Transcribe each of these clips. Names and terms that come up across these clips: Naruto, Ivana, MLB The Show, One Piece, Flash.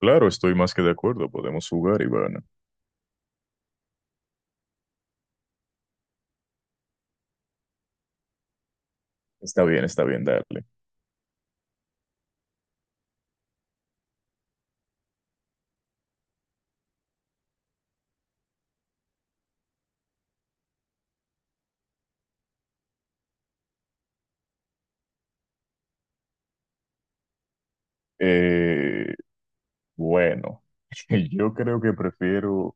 Claro, estoy más que de acuerdo. Podemos jugar, Ivana. Está bien, darle. Eh, bueno, yo creo que prefiero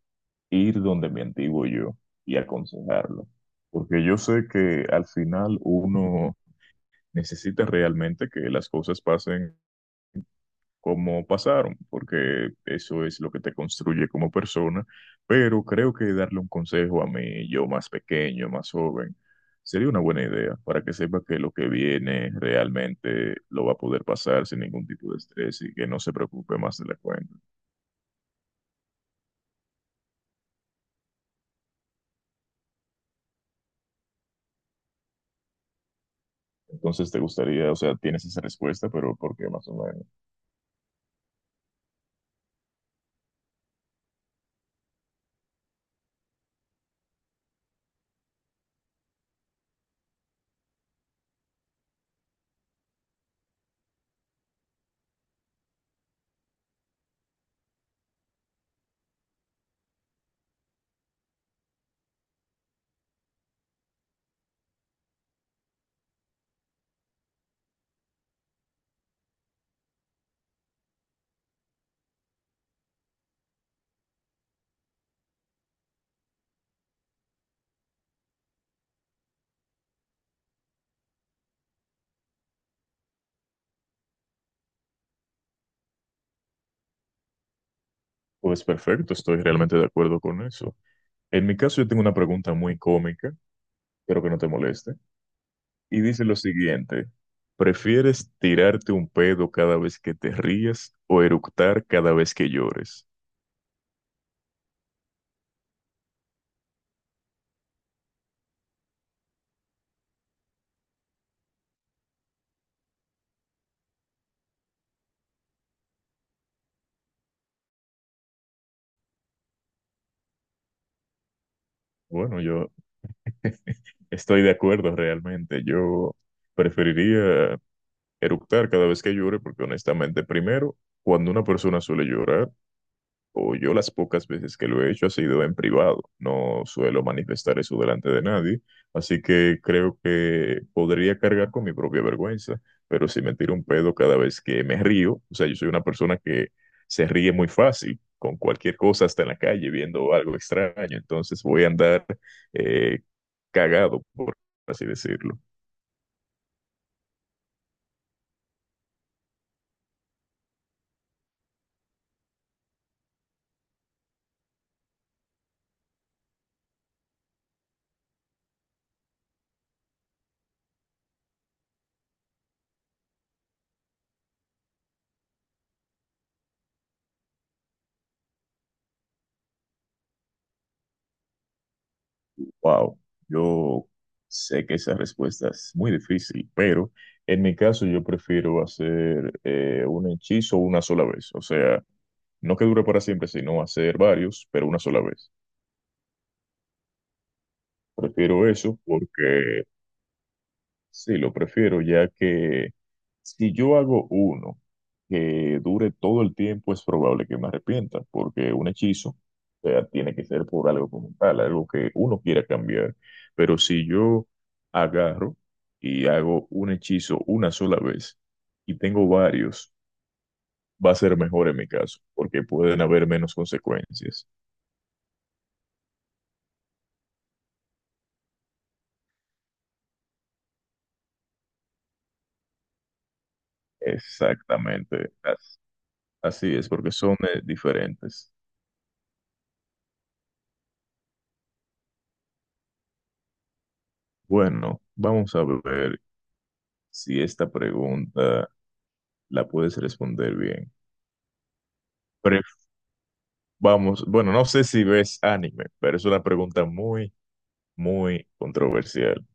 ir donde mi antiguo yo y aconsejarlo, porque yo sé que al final uno necesita realmente que las cosas pasen cómo pasaron, porque eso es lo que te construye como persona, pero creo que darle un consejo a mí, yo más pequeño, más joven, sería una buena idea para que sepa que lo que viene realmente lo va a poder pasar sin ningún tipo de estrés y que no se preocupe más de la cuenta. Entonces, te gustaría, o sea, tienes esa respuesta, pero ¿por qué más o menos? Pues perfecto, estoy realmente de acuerdo con eso. En mi caso, yo tengo una pregunta muy cómica, espero que no te moleste. Y dice lo siguiente, ¿prefieres tirarte un pedo cada vez que te rías o eructar cada vez que llores? Bueno, yo estoy de acuerdo realmente, yo preferiría eructar cada vez que llore porque honestamente, primero, cuando una persona suele llorar, o yo las pocas veces que lo he hecho ha sido en privado. No suelo manifestar eso delante de nadie, así que creo que podría cargar con mi propia vergüenza, pero si me tiro un pedo cada vez que me río, o sea, yo soy una persona que se ríe muy fácil con cualquier cosa, hasta en la calle, viendo algo extraño, entonces voy a andar eh, cagado, por así decirlo. Wow, yo sé que esa respuesta es muy difícil, pero en mi caso yo prefiero hacer un hechizo una sola vez. O sea, no que dure para siempre, sino hacer varios, pero una sola vez. Prefiero eso porque sí, lo prefiero, ya que si yo hago uno que dure todo el tiempo, es probable que me arrepienta, porque un hechizo, o sea, tiene que ser por algo como tal, algo que uno quiera cambiar. Pero si yo agarro y hago un hechizo una sola vez y tengo varios, va a ser mejor en mi caso, porque pueden haber menos consecuencias. Exactamente, así es, porque son diferentes. Bueno, vamos a ver si esta pregunta la puedes responder bien. Pero vamos, bueno, no sé si ves anime, pero es una pregunta muy controversial.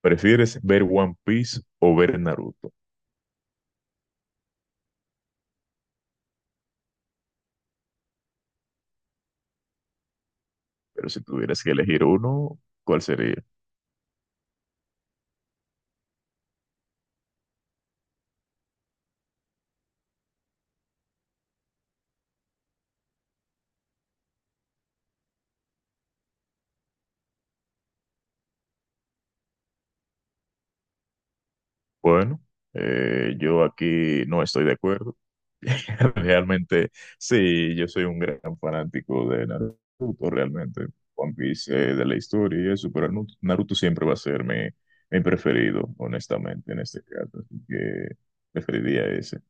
¿Prefieres ver One Piece o ver Naruto? Pero si tuvieras que elegir uno, ¿cuál sería? Bueno, yo aquí no estoy de acuerdo. Realmente, sí, yo soy un gran fanático de Naruto, realmente. One Piece, de la historia y eso, pero Naruto siempre va a ser mi preferido, honestamente, en este caso. Así que preferiría ese.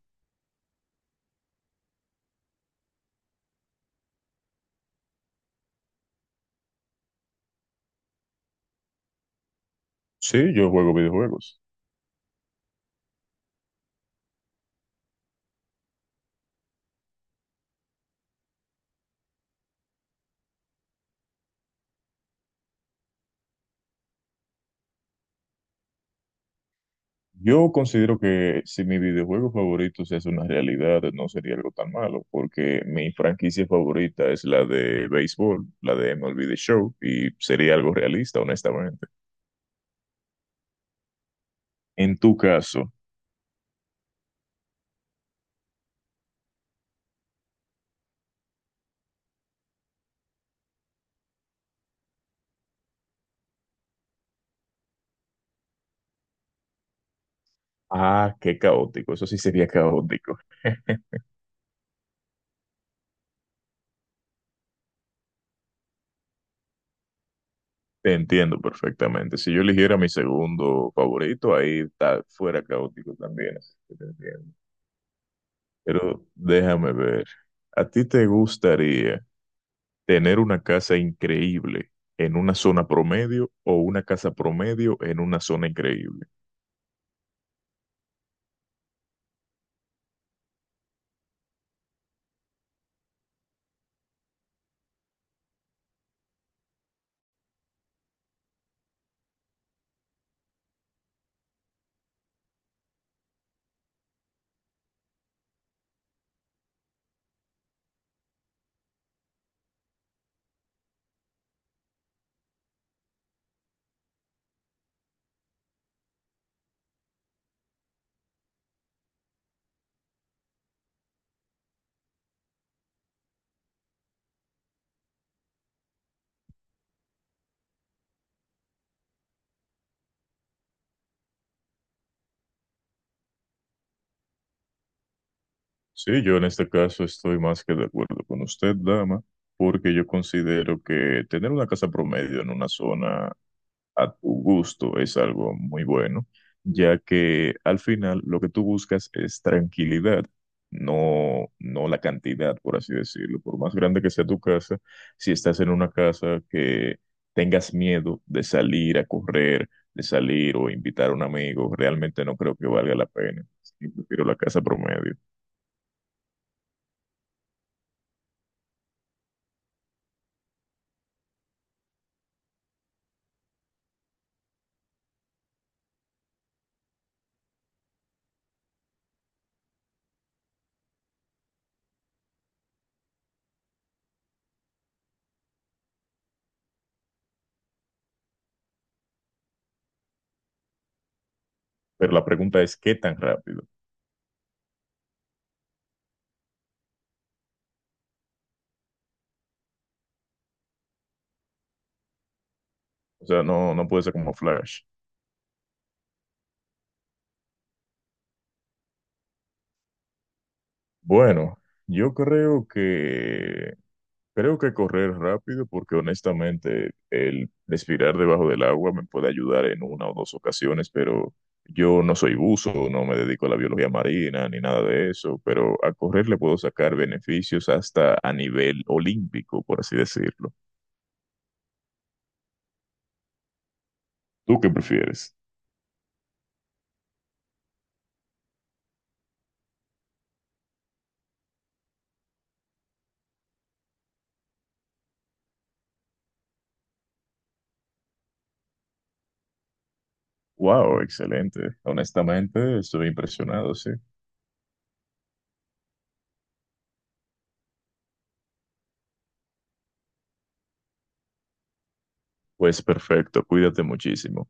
Sí, yo juego videojuegos. Yo considero que si mi videojuego favorito se hace una realidad, no sería algo tan malo, porque mi franquicia favorita es la de béisbol, la de MLB The Show, y sería algo realista, honestamente. En tu caso, ah, qué caótico, eso sí sería caótico. Te entiendo perfectamente. Si yo eligiera mi segundo favorito, fuera caótico también, así que te entiendo. Pero déjame ver. ¿A ti te gustaría tener una casa increíble en una zona promedio o una casa promedio en una zona increíble? Sí, yo en este caso estoy más que de acuerdo con usted, dama, porque yo considero que tener una casa promedio en una zona a tu gusto es algo muy bueno, ya que al final lo que tú buscas es tranquilidad, no la cantidad, por así decirlo. Por más grande que sea tu casa, si estás en una casa que tengas miedo de salir a correr, de salir o invitar a un amigo, realmente no creo que valga la pena. Sí, prefiero la casa promedio. Pero la pregunta es, ¿qué tan rápido? O sea, no puede ser como Flash. Bueno, yo creo que creo que correr rápido porque honestamente el respirar debajo del agua me puede ayudar en una o dos ocasiones, pero yo no soy buzo, no me dedico a la biología marina ni nada de eso, pero a correr le puedo sacar beneficios hasta a nivel olímpico, por así decirlo. ¿Tú qué prefieres? Wow, excelente. Honestamente, estoy impresionado, sí. Pues perfecto, cuídate muchísimo.